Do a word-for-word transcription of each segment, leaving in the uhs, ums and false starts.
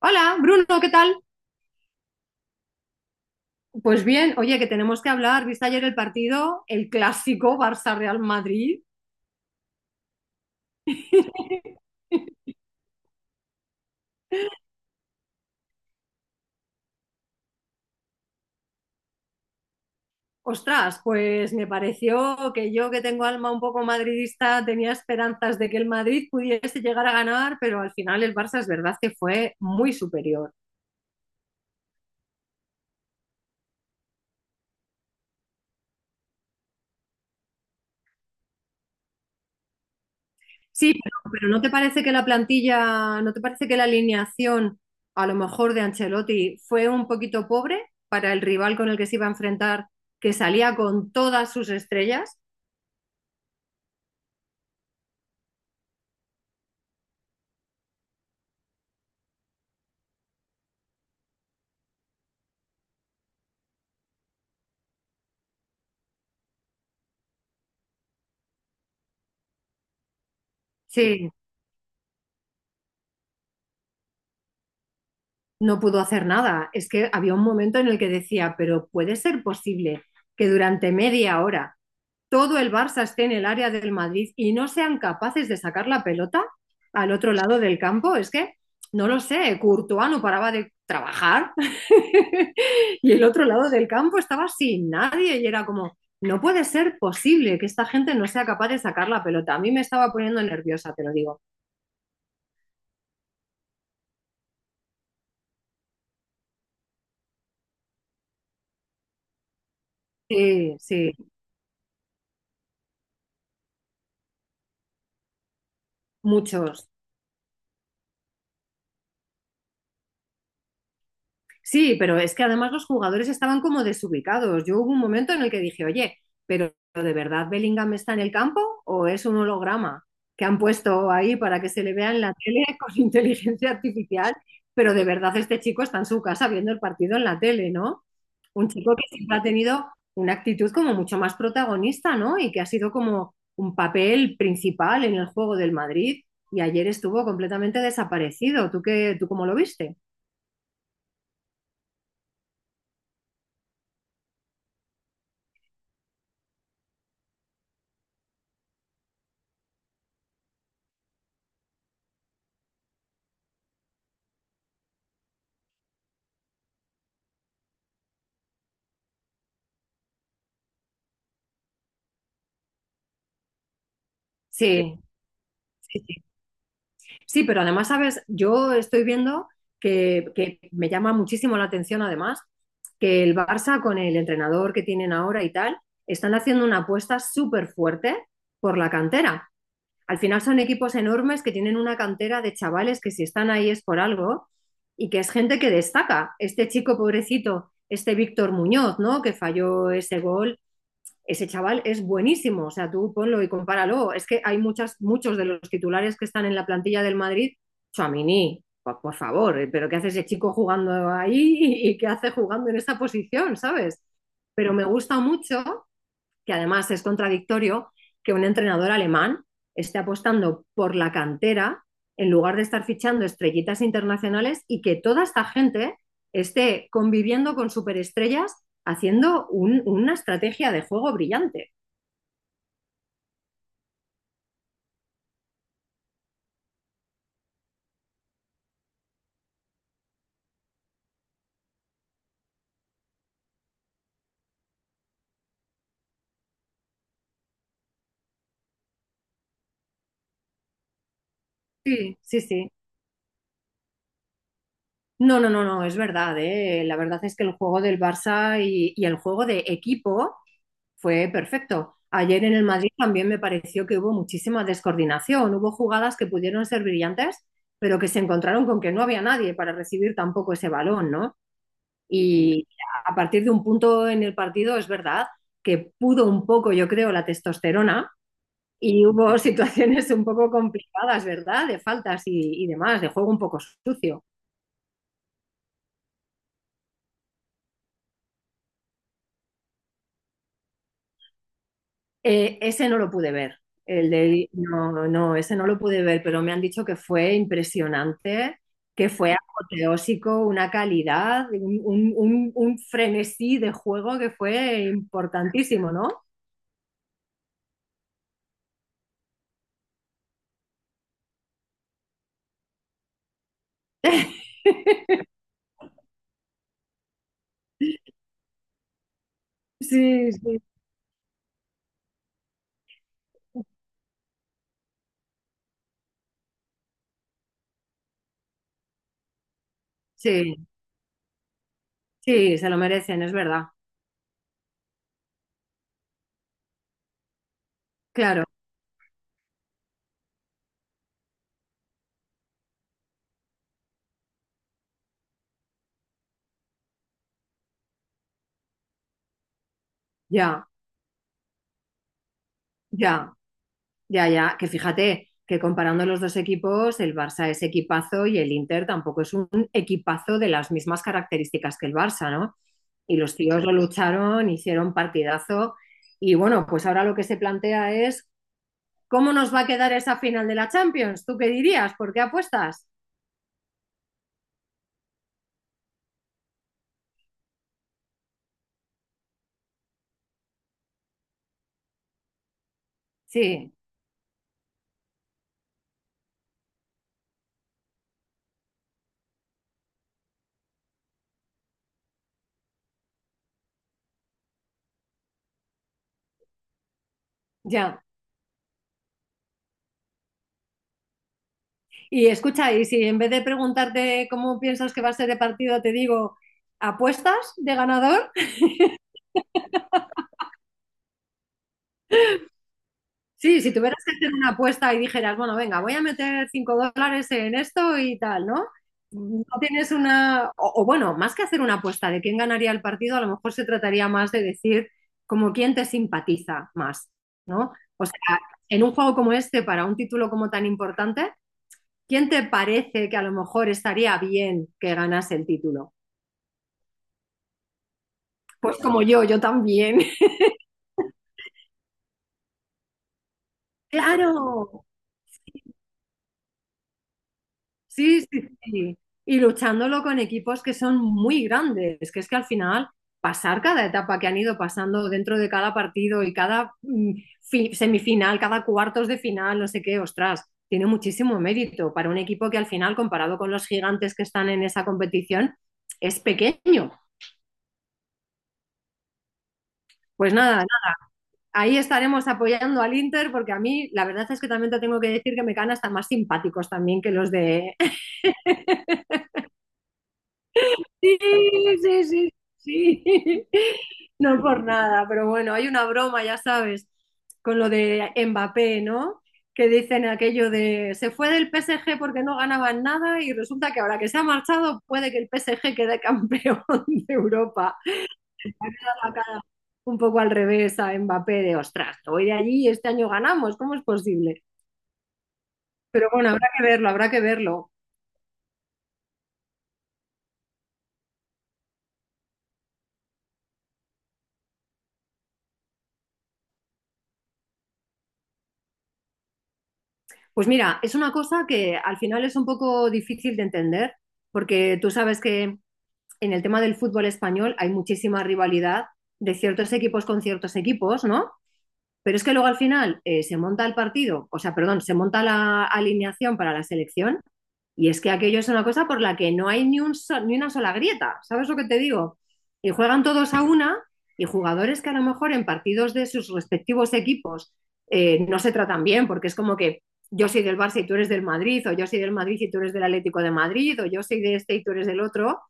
Hola, Bruno, ¿qué tal? Pues bien, oye, que tenemos que hablar. ¿Viste ayer el partido, el clásico Barça-Real Madrid? Ostras, pues me pareció que yo que tengo alma un poco madridista tenía esperanzas de que el Madrid pudiese llegar a ganar, pero al final el Barça es verdad que fue muy superior. Sí, pero, pero ¿no te parece que la plantilla, no te parece que la alineación a lo mejor de Ancelotti fue un poquito pobre para el rival con el que se iba a enfrentar, que salía con todas sus estrellas? Sí, no pudo hacer nada. Es que había un momento en el que decía, pero puede ser posible que durante media hora todo el Barça esté en el área del Madrid y no sean capaces de sacar la pelota al otro lado del campo. Es que no lo sé, Courtois no paraba de trabajar, y el otro lado del campo estaba sin nadie y era como, no puede ser posible que esta gente no sea capaz de sacar la pelota. A mí me estaba poniendo nerviosa, te lo digo. Sí, sí, muchos. Sí, pero es que además los jugadores estaban como desubicados. Yo hubo un momento en el que dije, oye, pero ¿de verdad Bellingham está en el campo o es un holograma que han puesto ahí para que se le vea en la tele con inteligencia artificial? Pero de verdad este chico está en su casa viendo el partido en la tele, ¿no? Un chico que siempre ha tenido una actitud como mucho más protagonista, ¿no? Y que ha sido como un papel principal en el juego del Madrid y ayer estuvo completamente desaparecido. ¿Tú qué, tú cómo lo viste? Sí, sí, sí. Sí, pero además, sabes, yo estoy viendo que, que me llama muchísimo la atención, además, que el Barça con el entrenador que tienen ahora y tal, están haciendo una apuesta súper fuerte por la cantera. Al final son equipos enormes que tienen una cantera de chavales que si están ahí es por algo y que es gente que destaca. Este chico pobrecito, este Víctor Muñoz, ¿no? Que falló ese gol, ese chaval es buenísimo, o sea, tú ponlo y compáralo. Es que hay muchas, muchos de los titulares que están en la plantilla del Madrid, Chuamini, por, por favor, eh, pero ¿qué hace ese chico jugando ahí y qué hace jugando en esa posición, sabes? Pero me gusta mucho que además es contradictorio que un entrenador alemán esté apostando por la cantera en lugar de estar fichando estrellitas internacionales y que toda esta gente esté conviviendo con superestrellas haciendo un- una estrategia de juego brillante. Sí, sí, sí. No, no, no, no, es verdad, ¿eh? La verdad es que el juego del Barça y, y el juego de equipo fue perfecto. Ayer en el Madrid también me pareció que hubo muchísima descoordinación. Hubo jugadas que pudieron ser brillantes, pero que se encontraron con que no había nadie para recibir tampoco ese balón, ¿no? Y a partir de un punto en el partido es verdad que pudo un poco, yo creo, la testosterona y hubo situaciones un poco complicadas, ¿verdad? De faltas y, y demás, de juego un poco sucio. Eh, ese no lo pude ver. El de, no, no, ese no lo pude ver, pero me han dicho que fue impresionante, que fue apoteósico, una calidad, un, un- un- un frenesí de juego que fue importantísimo, ¿no? Sí, sí. Sí, sí, se lo merecen, es verdad. Claro, ya, ya. Ya, ya, que fíjate que comparando los dos equipos, el Barça es equipazo y el Inter tampoco es un equipazo de las mismas características que el Barça, ¿no? Y los tíos lo lucharon, hicieron partidazo y bueno, pues ahora lo que se plantea es ¿cómo nos va a quedar esa final de la Champions? ¿Tú qué dirías? ¿Por qué apuestas? Sí, ya. Y escucha, y si en vez de preguntarte cómo piensas que va a ser el partido, te digo, ¿apuestas de ganador? Sí, si tuvieras que hacer una apuesta y dijeras, bueno, venga, voy a meter cinco dólares en esto y tal, ¿no? No tienes una... O, o bueno, más que hacer una apuesta de quién ganaría el partido, a lo mejor se trataría más de decir como quién te simpatiza más, ¿no? O sea, en un juego como este, para un título como tan importante, ¿quién te parece que a lo mejor estaría bien que ganase el título? Pues como yo, yo también. Claro, sí, sí, sí. Y luchándolo con equipos que son muy grandes, que es que al final pasar cada etapa que han ido pasando dentro de cada partido y cada mm, fi- semifinal, cada cuartos de final, no sé qué, ostras, tiene muchísimo mérito para un equipo que al final, comparado con los gigantes que están en esa competición, es pequeño. Pues nada, nada, ahí estaremos apoyando al Inter porque a mí la verdad es que también te tengo que decir que me caen hasta más simpáticos también que los de sí, sí, sí, sí. No por nada, pero bueno, hay una broma, ya sabes, con lo de Mbappé, ¿no? Que dicen aquello de se fue del P S G porque no ganaban nada y resulta que ahora que se ha marchado puede que el P S G quede campeón de Europa. La cara un poco al revés a Mbappé de, ostras, voy de allí y este año ganamos, ¿cómo es posible? Pero bueno, habrá que verlo, habrá que verlo. Pues mira, es una cosa que al final es un poco difícil de entender, porque tú sabes que en el tema del fútbol español hay muchísima rivalidad de ciertos equipos con ciertos equipos, ¿no? Pero es que luego al final eh, se monta el partido, o sea, perdón, se monta la alineación para la selección y es que aquello es una cosa por la que no hay ni, un so- ni una sola grieta, ¿sabes lo que te digo? Y juegan todos a una y jugadores que a lo mejor en partidos de sus respectivos equipos eh, no se tratan bien, porque es como que yo soy del Barça y tú eres del Madrid, o yo soy del Madrid y tú eres del Atlético de Madrid, o yo soy de este y tú eres del otro.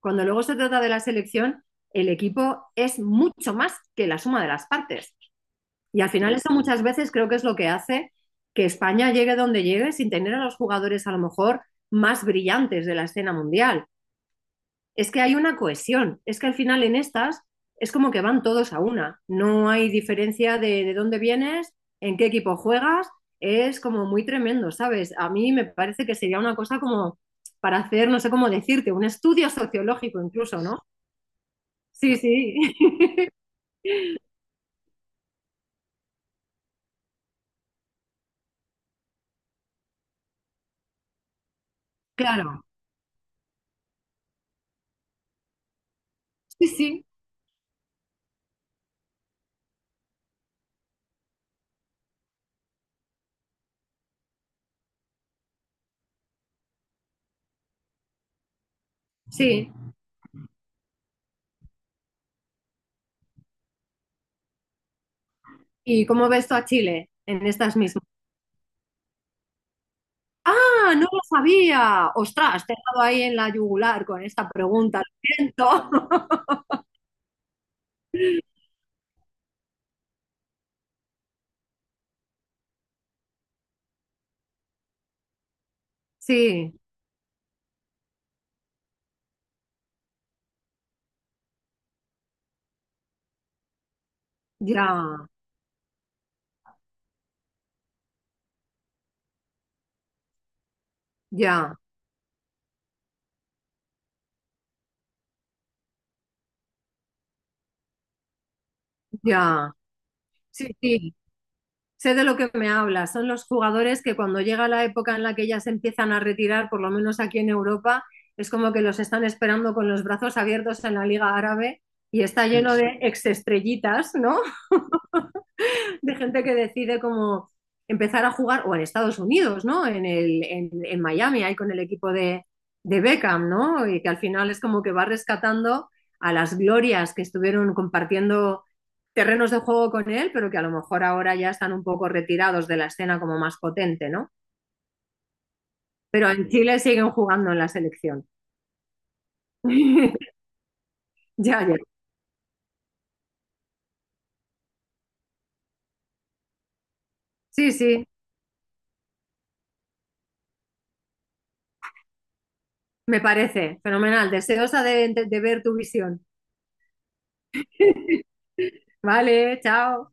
Cuando luego se trata de la selección, el equipo es mucho más que la suma de las partes. Y al final eso muchas veces creo que es lo que hace que España llegue donde llegue sin tener a los jugadores a lo mejor más brillantes de la escena mundial. Es que hay una cohesión, es que al final en estas es como que van todos a una, no hay diferencia de, de dónde vienes, en qué equipo juegas, es como muy tremendo, ¿sabes? A mí me parece que sería una cosa como para hacer, no sé cómo decirte, un estudio sociológico incluso, ¿no? Sí, sí, claro, sí, sí, sí. ¿Y cómo ves tú a Chile en estas mismas? ¡Ah, no lo sabía! ¡Ostras! Te he dado ahí en la yugular con esta pregunta, lo siento. Sí, ya, ya, ya. Sí, sí. Sé de lo que me hablas. Son los jugadores que cuando llega la época en la que ya se empiezan a retirar, por lo menos aquí en Europa, es como que los están esperando con los brazos abiertos en la Liga Árabe y está lleno de exestrellitas, ¿no? De gente que decide como empezar a jugar, o en Estados Unidos, ¿no? En, el, en, en Miami, ahí con el equipo de, de Beckham, ¿no? Y que al final es como que va rescatando a las glorias que estuvieron compartiendo terrenos de juego con él, pero que a lo mejor ahora ya están un poco retirados de la escena como más potente, ¿no? Pero en Chile siguen jugando en la selección. ya, ya. Sí, sí, me parece. Fenomenal. Deseosa de, de, de ver tu visión. Vale, chao.